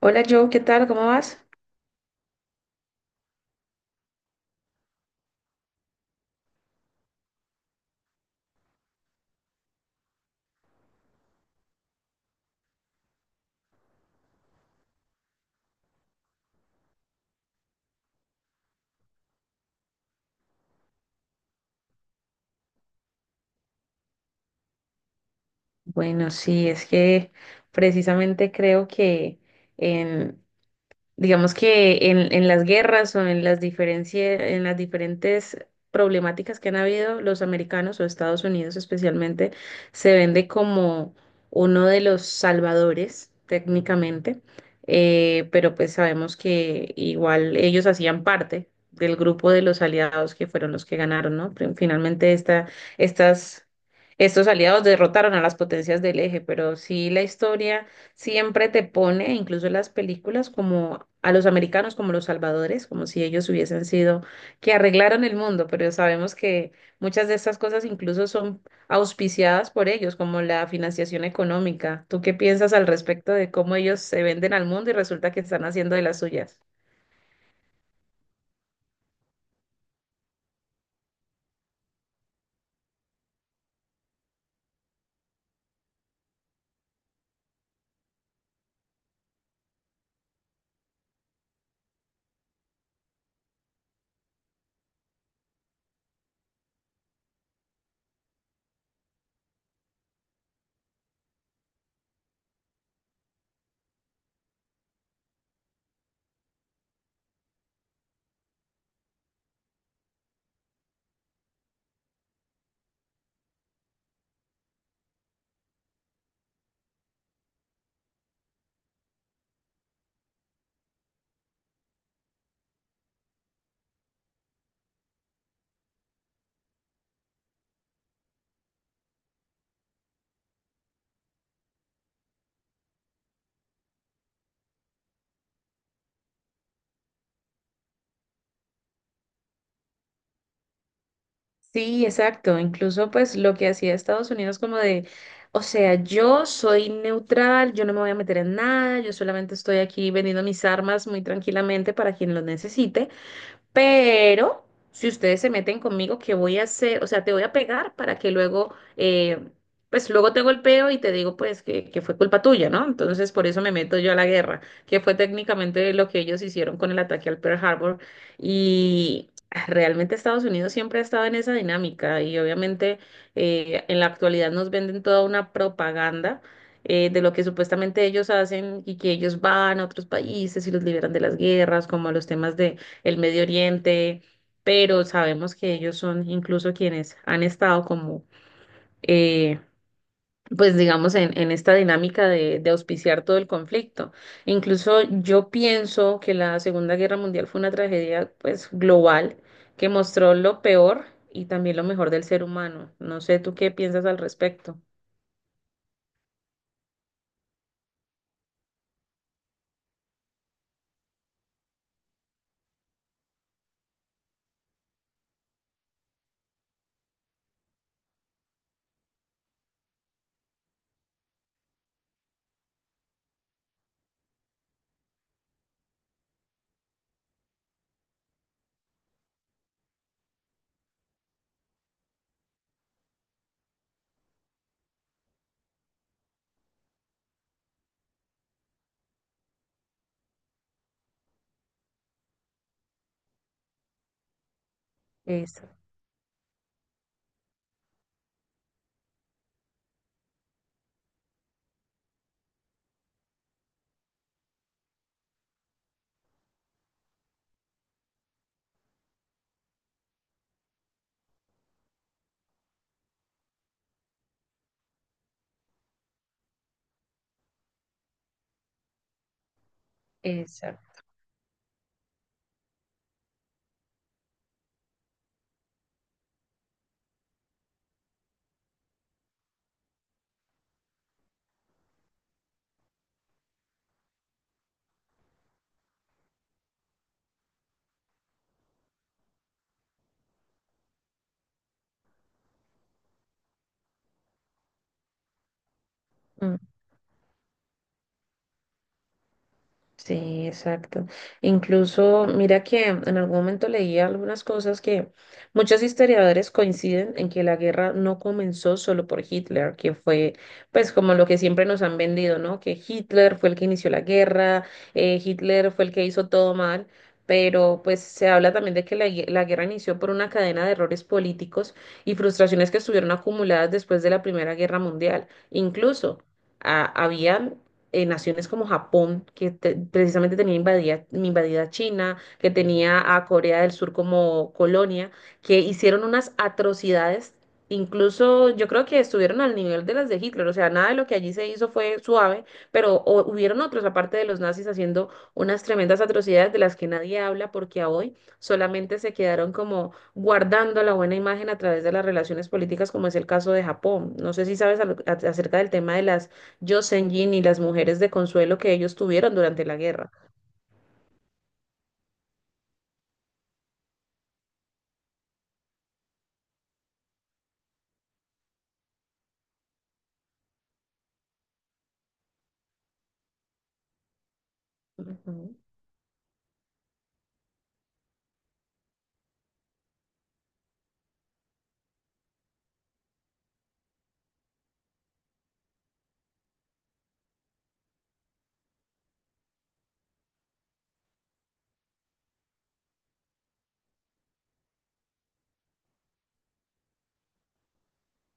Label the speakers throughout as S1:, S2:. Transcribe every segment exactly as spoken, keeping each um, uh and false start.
S1: Hola Joe, ¿qué tal? ¿Cómo vas? Bueno, sí, es que precisamente creo que en, digamos que en, en las guerras o en las diferencia- en las diferentes problemáticas que han habido, los americanos o Estados Unidos especialmente se vende como uno de los salvadores técnicamente, eh, pero pues sabemos que igual ellos hacían parte del grupo de los aliados que fueron los que ganaron, ¿no? Fin- Finalmente esta, estas, estos aliados derrotaron a las potencias del eje, pero sí la historia siempre te pone, incluso en las películas, como a los americanos, como los salvadores, como si ellos hubiesen sido que arreglaron el mundo, pero sabemos que muchas de estas cosas incluso son auspiciadas por ellos, como la financiación económica. ¿Tú qué piensas al respecto de cómo ellos se venden al mundo y resulta que están haciendo de las suyas? Sí, exacto. Incluso pues lo que hacía Estados Unidos como de, o sea, yo soy neutral, yo no me voy a meter en nada, yo solamente estoy aquí vendiendo mis armas muy tranquilamente para quien lo necesite. Pero si ustedes se meten conmigo, ¿qué voy a hacer? O sea, te voy a pegar para que luego, eh, pues luego te golpeo y te digo, pues, que, que fue culpa tuya, ¿no? Entonces, por eso me meto yo a la guerra, que fue técnicamente lo que ellos hicieron con el ataque al Pearl Harbor. Y ah, realmente Estados Unidos siempre ha estado en esa dinámica y obviamente eh, en la actualidad nos venden toda una propaganda. Eh, de lo que supuestamente ellos hacen y que ellos van a otros países y los liberan de las guerras, como a los temas de, el Medio Oriente, pero sabemos que ellos son incluso quienes han estado como, eh, pues digamos, en, en esta dinámica de, de auspiciar todo el conflicto. Incluso yo pienso que la Segunda Guerra Mundial fue una tragedia, pues, global que mostró lo peor y también lo mejor del ser humano. No sé, ¿tú qué piensas al respecto? Exacto, exacto. Sí, exacto. Incluso, mira que en algún momento leí algunas cosas que muchos historiadores coinciden en que la guerra no comenzó solo por Hitler, que fue pues como lo que siempre nos han vendido, ¿no? Que Hitler fue el que inició la guerra, eh, Hitler fue el que hizo todo mal, pero pues se habla también de que la, gue- la guerra inició por una cadena de errores políticos y frustraciones que estuvieron acumuladas después de la Primera Guerra Mundial. Incluso había eh, naciones como Japón, que te- precisamente tenía invadida, invadida China, que tenía a Corea del Sur como colonia, que hicieron unas atrocidades, incluso yo creo que estuvieron al nivel de las de Hitler, o sea, nada de lo que allí se hizo fue suave, pero o- hubieron otros, aparte de los nazis, haciendo unas tremendas atrocidades de las que nadie habla porque a hoy solamente se quedaron como guardando la buena imagen a través de las relaciones políticas, como es el caso de Japón. No sé si sabes al- a- acerca del tema de las Yosenjin y las mujeres de consuelo que ellos tuvieron durante la guerra. Ujú.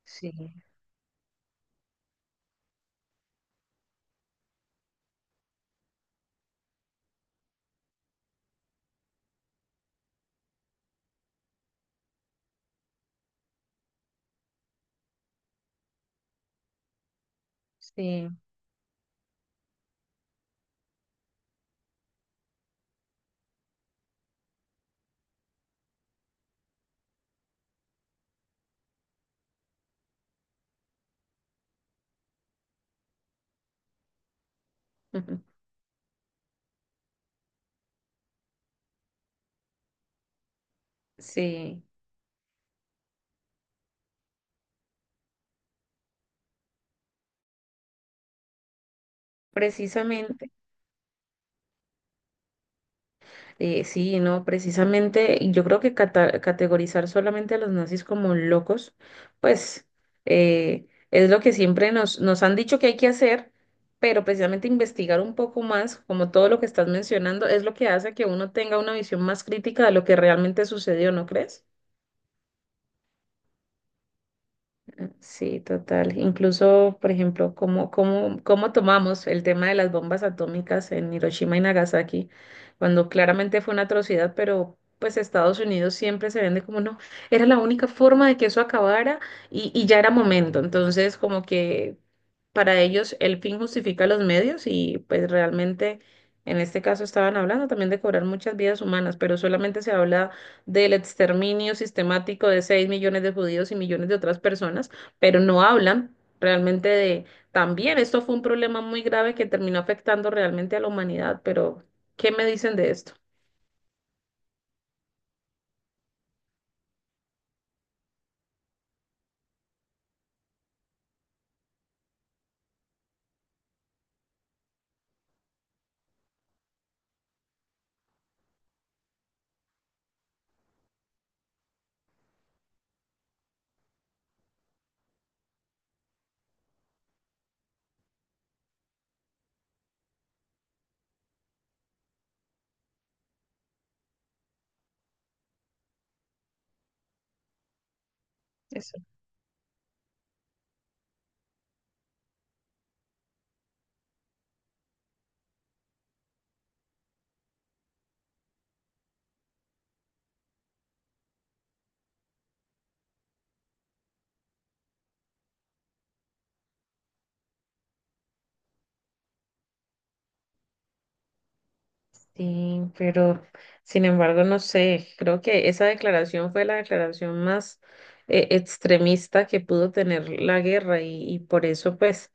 S1: Sí, sí, Ujú, Sí, precisamente, eh, sí, no, precisamente, y yo creo que cata- categorizar solamente a los nazis como locos, pues eh, es lo que siempre nos, nos han dicho que hay que hacer, pero precisamente investigar un poco más, como todo lo que estás mencionando, es lo que hace que uno tenga una visión más crítica de lo que realmente sucedió, ¿no crees? Sí, total. Incluso, por ejemplo, cómo, cómo, cómo tomamos el tema de las bombas atómicas en Hiroshima y Nagasaki, cuando claramente fue una atrocidad, pero pues Estados Unidos siempre se vende como no, era la única forma de que eso acabara y, y ya era momento. Entonces, como que para ellos el fin justifica los medios y pues realmente en este caso estaban hablando también de cobrar muchas vidas humanas, pero solamente se habla del exterminio sistemático de seis millones de judíos y millones de otras personas, pero no hablan realmente de... También esto fue un problema muy grave que terminó afectando realmente a la humanidad, pero ¿qué me dicen de esto? Eso. Sí, pero sin embargo, no sé, creo que esa declaración fue la declaración más eh, extremista que pudo tener la guerra y, y por eso pues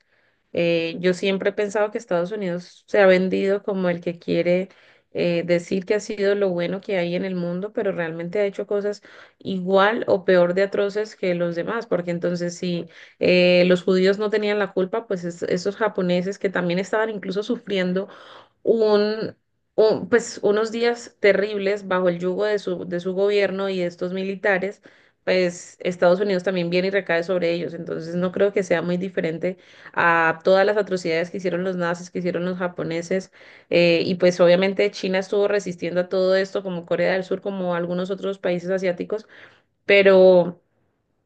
S1: Eh, yo siempre he pensado que Estados Unidos se ha vendido como el que quiere eh, decir que ha sido lo bueno que hay en el mundo, pero realmente ha hecho cosas igual o peor de atroces que los demás, porque entonces si eh, los judíos no tenían la culpa, pues es- esos japoneses que también estaban incluso sufriendo un, un- pues unos días terribles bajo el yugo de su, de su gobierno y de estos militares, pues Estados Unidos también viene y recae sobre ellos. Entonces no creo que sea muy diferente a todas las atrocidades que hicieron los nazis, que hicieron los japoneses. Eh, y pues obviamente China estuvo resistiendo a todo esto, como Corea del Sur, como algunos otros países asiáticos, pero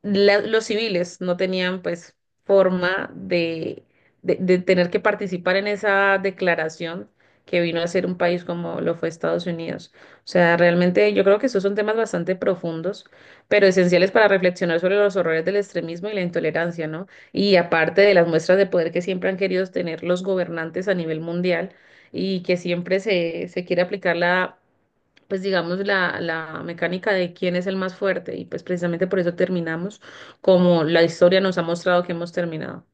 S1: la- los civiles no tenían pues forma de, de, de tener que participar en esa declaración que vino a ser un país como lo fue Estados Unidos. O sea, realmente yo creo que esos son temas bastante profundos, pero esenciales para reflexionar sobre los horrores del extremismo y la intolerancia, ¿no? Y aparte de las muestras de poder que siempre han querido tener los gobernantes a nivel mundial y que siempre se, se quiere aplicar la pues digamos, la, la mecánica de quién es el más fuerte y pues precisamente por eso terminamos como la historia nos ha mostrado que hemos terminado.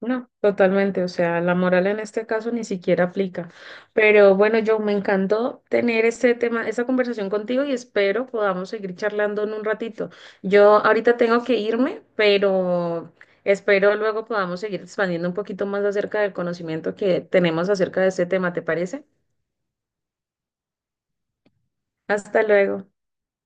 S1: No, totalmente, o sea, la moral en este caso ni siquiera aplica. Pero bueno, yo me encantó tener este tema, esta conversación contigo y espero podamos seguir charlando en un ratito. Yo ahorita tengo que irme, pero espero luego podamos seguir expandiendo un poquito más acerca del conocimiento que tenemos acerca de este tema, ¿te parece? Hasta luego.